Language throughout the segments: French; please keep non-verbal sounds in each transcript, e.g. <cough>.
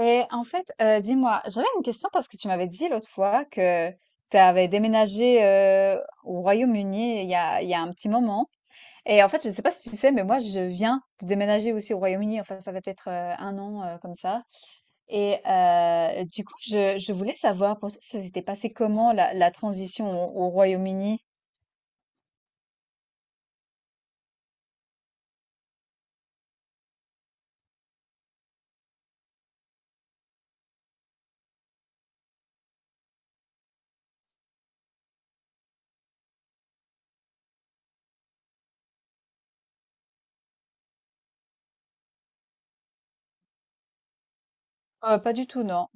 Et en fait, dis-moi, j'avais une question parce que tu m'avais dit l'autre fois que tu avais déménagé, au Royaume-Uni il y a un petit moment. Et en fait, je ne sais pas si tu sais, mais moi, je viens de déménager aussi au Royaume-Uni. Enfin, ça fait peut-être, 1 an, comme ça. Et du coup, je voulais savoir pour toi, ça s'était passé comment la transition au Royaume-Uni? Pas du tout, non.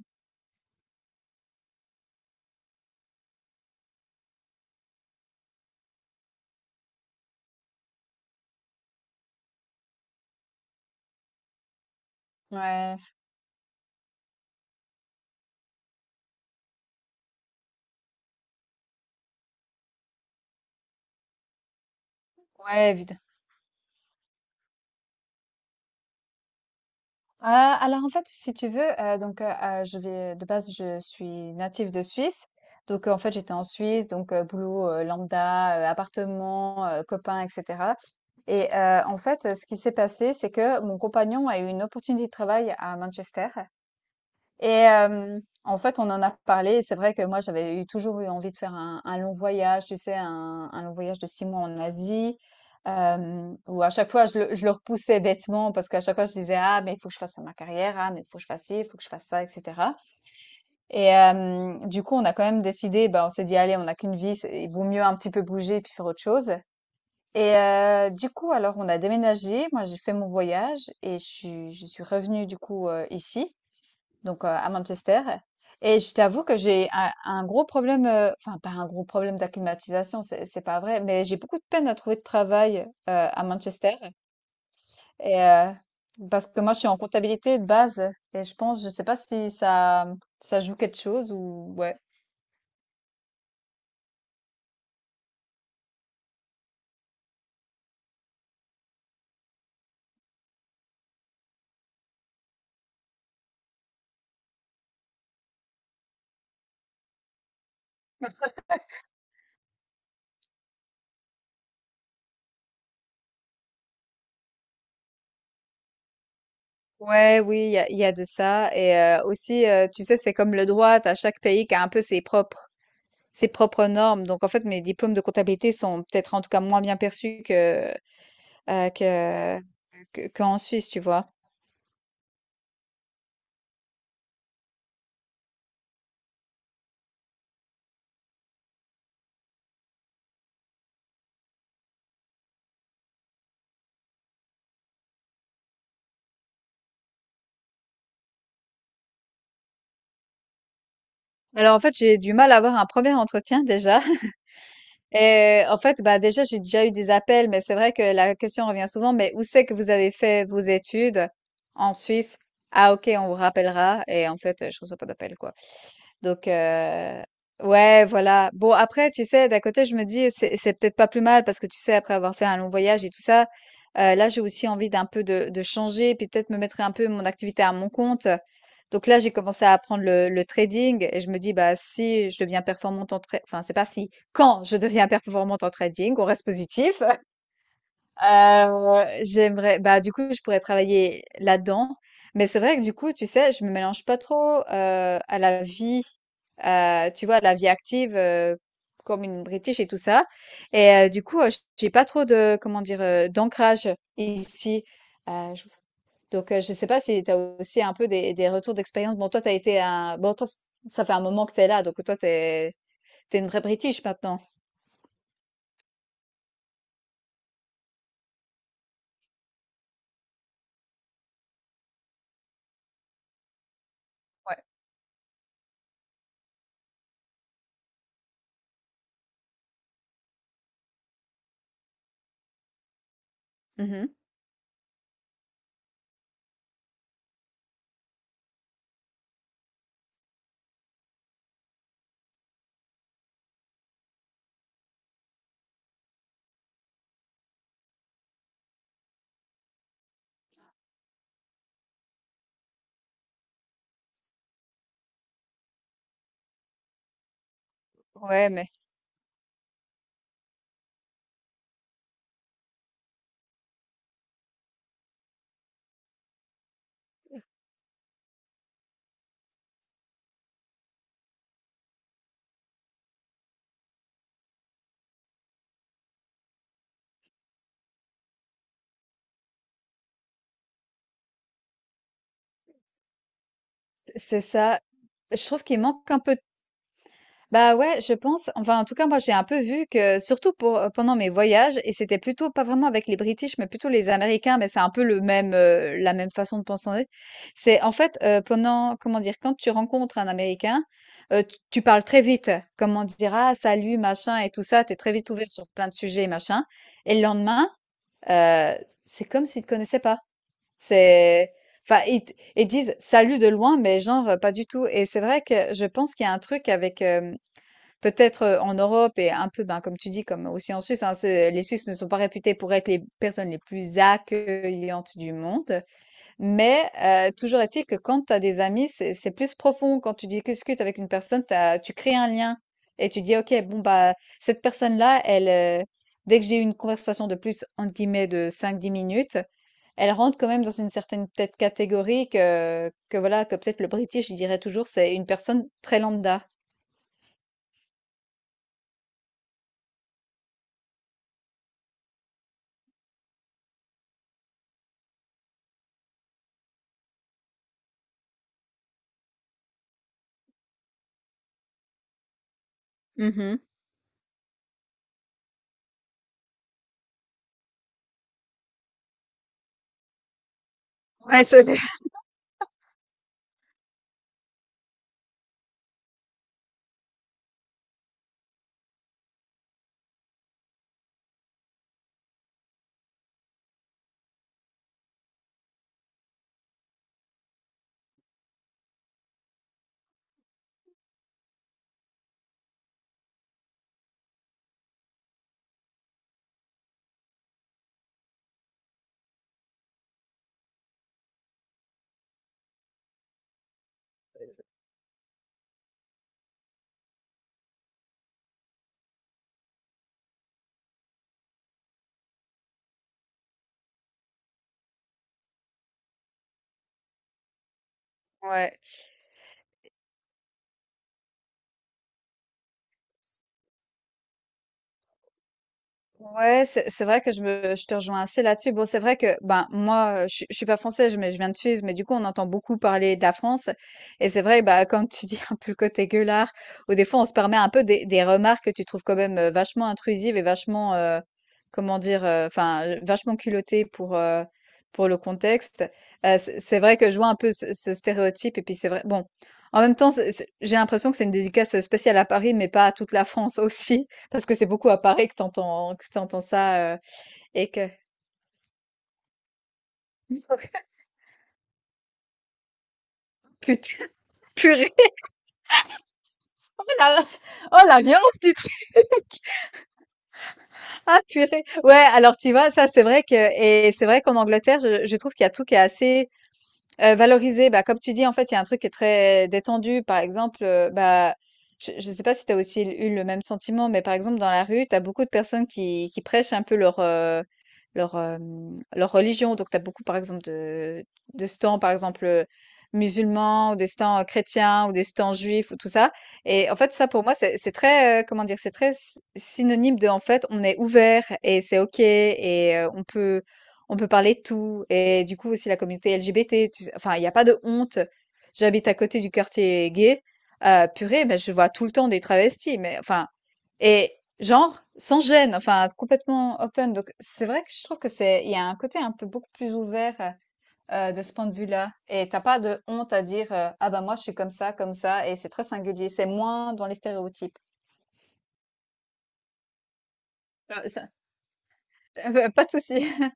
Ouais, ouais, évid alors, en fait, si tu veux, donc, je vais de base, je suis native de Suisse. Donc, en fait, j'étais en Suisse, donc, boulot, lambda, appartement, copain et cetera. Et en fait, ce qui s'est passé, c'est que mon compagnon a eu une opportunité de travail à Manchester. Et en fait, on en a parlé, et c'est vrai que moi, j'avais eu toujours eu envie de faire un long voyage, tu sais, un long voyage de 6 mois en Asie, où à chaque fois, je le repoussais bêtement parce qu'à chaque fois, je disais, ah, mais il faut que je fasse ma carrière, ah, mais il faut que je fasse ci, il faut que je fasse ça, etc. Et du coup, on a quand même décidé, bah, on s'est dit, allez, on n'a qu'une vie, il vaut mieux un petit peu bouger puis faire autre chose. Et du coup, alors, on a déménagé. Moi, j'ai fait mon voyage et je suis revenue, du coup, ici donc, à Manchester. Et je t'avoue que j'ai un gros problème, enfin pas un gros problème d'acclimatisation, c'est pas vrai, mais j'ai beaucoup de peine à trouver de travail, à Manchester. Et, parce que moi je suis en comptabilité de base, et je pense, je sais pas si ça joue quelque chose ou ouais. Ouais, oui, il y a de ça. Et aussi, tu sais, c'est comme le droit, à chaque pays qui a un peu ses propres normes. Donc, en fait, mes diplômes de comptabilité sont peut-être en tout cas moins bien perçus Heu, que que qu'en Suisse, tu vois? Alors en fait, j'ai du mal à avoir un premier entretien déjà. Et en fait, bah déjà, j'ai déjà eu des appels, mais c'est vrai que la question revient souvent, mais où c'est que vous avez fait vos études en Suisse? Ah ok, on vous rappellera. Et en fait, je reçois pas d'appel, quoi. Donc, ouais, voilà. Bon, après, tu sais, d'un côté, je me dis, c'est peut-être pas plus mal, parce que tu sais, après avoir fait un long voyage et tout ça, là, j'ai aussi envie d'un peu de changer, puis peut-être me mettre un peu mon activité à mon compte. Donc là, j'ai commencé à apprendre le trading, et je me dis, bah, si je deviens performante en trading, enfin, c'est pas si, quand je deviens <laughs> performante en trading, on reste positif, <laughs> j'aimerais, bah, du coup, je pourrais travailler là-dedans. Mais c'est vrai que du coup, tu sais, je me mélange pas trop, à la vie, tu vois, à la vie active, comme une British et tout ça. Et du coup, j'ai pas trop de, comment dire, d'ancrage ici. Je Donc, je sais pas si tu as aussi un peu des retours d'expérience? Bon, toi, tu as été un bon, toi, ç ça fait un moment que tu es là, donc toi, tu es une vraie British maintenant? Ouais. Mmh. Ouais, mais c'est ça. Je trouve qu'il manque un peu. Bah ouais, je pense. Enfin, en tout cas, moi, j'ai un peu vu que, surtout pour, pendant mes voyages, et c'était plutôt pas vraiment avec les British, mais plutôt les Américains, mais c'est un peu le même, la même façon de penser. C'est en fait, pendant, comment dire, quand tu rencontres un Américain, tu parles très vite. Comment dire, ah, salut, machin, et tout ça. T'es très vite ouvert sur plein de sujets, machin. Et le lendemain, euh, c'est comme s'ils te connaissaient pas. C'est Enfin, ils, ils disent salut de loin, mais genre, pas du tout. Et c'est vrai que je pense qu'il y a un truc avec, peut-être, en Europe, et un peu, ben, comme tu dis, comme aussi en Suisse, hein, c'est, les Suisses ne sont pas réputés pour être les personnes les plus accueillantes du monde. Mais, toujours est-il que quand tu as des amis, c'est plus profond. Quand tu discutes avec une personne, tu crées un lien, et tu dis: «OK, bon, bah, cette personne-là, elle, heu, dès que j'ai eu une conversation de plus, entre guillemets, de 5-10 minutes, elle rentre quand même dans une certaine peut-être catégorie que voilà, que peut-être le British, je dirais toujours, c'est une personne très lambda». Mmh. Ouais, c'est ouais. Ouais, c'est vrai que je te rejoins assez là-dessus. Bon, c'est vrai que ben moi, je suis pas française, mais je viens de Suisse, mais du coup, on entend beaucoup parler de la France. Et c'est vrai, bah comme tu dis <laughs> un peu le côté gueulard, ou des fois, on se permet un peu des remarques que tu trouves quand même, vachement intrusives et vachement, comment dire, enfin, vachement culottées pour le contexte. C'est vrai que je vois un peu ce stéréotype. Et puis c'est vrai, bon, en même temps, j'ai l'impression que c'est une dédicace spéciale à Paris, mais pas à toute la France <laughs> aussi. Parce que c'est beaucoup à Paris que t'entends ça, et que <laughs> putain, purée, <laughs> oh la, oh la violence du truc! <laughs> Ah purée! Ouais, alors tu vois, ça, c'est vrai qu'en Angleterre, je trouve qu'il y a tout qui est assez. Valoriser, bah, comme tu dis, en fait, il y a un truc qui est très détendu. Par exemple, bah, je sais pas si tu as aussi eu le même sentiment, mais par exemple, dans la rue, tu as beaucoup de personnes qui prêchent un peu leur religion. Donc tu as beaucoup, par exemple, de stands, par exemple, musulmans, ou des stands, chrétiens, ou des stands juifs, ou tout ça. Et en fait, ça, pour moi, c'est très, comment dire? C'est très s synonyme de, en fait, on est ouvert et c'est OK, et on peut parler de tout. Et du coup aussi la communauté LGBT, tu sais, enfin il y a pas de honte. J'habite à côté du quartier gay, purée, mais je vois tout le temps des travestis, mais enfin, et genre sans gêne, enfin complètement open. Donc c'est vrai que je trouve que c'est il y a un côté un peu beaucoup plus ouvert, de ce point de vue-là, et t'as pas de honte à dire, «Ah bah moi je suis comme ça, comme ça», et c'est très singulier, c'est moins dans les stéréotypes. Ça, <laughs> pas de souci. <laughs>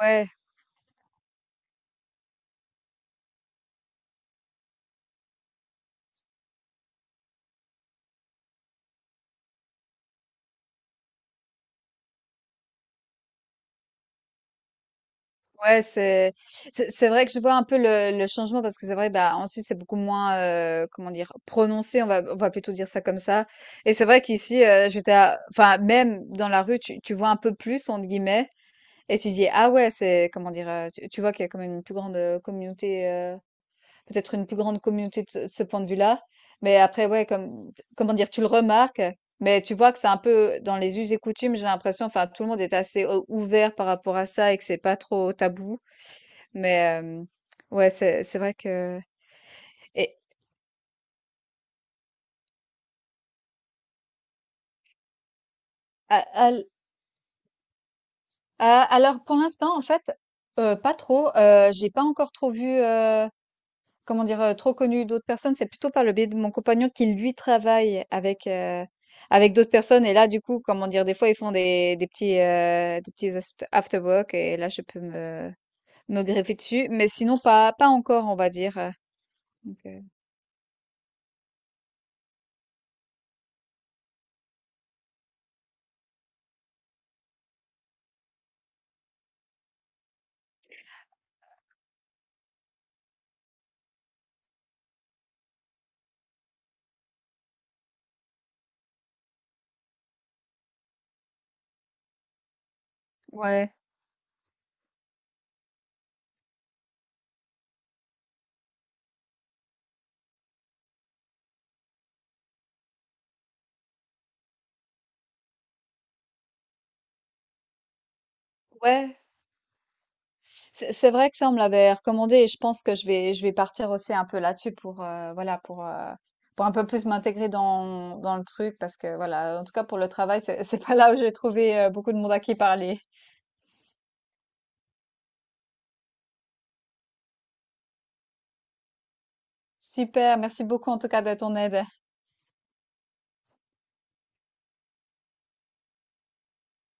Ouais. Ouais, c'est vrai que je vois un peu le changement, parce que c'est vrai, bah en Suisse c'est beaucoup moins, comment dire, prononcé, on va, plutôt dire ça comme ça. Et c'est vrai qu'ici, enfin, même dans la rue tu vois un peu plus entre guillemets, et tu dis, ah ouais, c'est, comment dire, tu vois qu'il y a quand même une plus grande, communauté, peut-être une plus grande communauté de ce point de vue-là. Mais après, ouais, comment dire, tu le remarques, mais tu vois que c'est un peu dans les us et coutumes, j'ai l'impression, enfin tout le monde est assez, ouvert par rapport à ça, et que c'est pas trop tabou. Mais, ouais, c'est vrai que. Et à- à l- alors pour l'instant, en fait, pas trop. J'ai pas encore trop vu, comment dire, trop connu d'autres personnes. C'est plutôt par le biais de mon compagnon qui lui travaille avec d'autres personnes, et là du coup, comment dire, des fois ils font des petits, after work, et là je peux me greffer dessus. Mais sinon pas encore, on va dire. Donc, ouais, ouais. C'est vrai que ça, on me l'avait recommandé, et je pense que je vais partir aussi un peu là-dessus pour, voilà, pour un peu plus m'intégrer dans le truc, parce que voilà, en tout cas pour le travail, c'est <laughs> c'est pas là où j'ai trouvé, beaucoup de monde à qui parler. Super, merci beaucoup en tout cas de ton aide.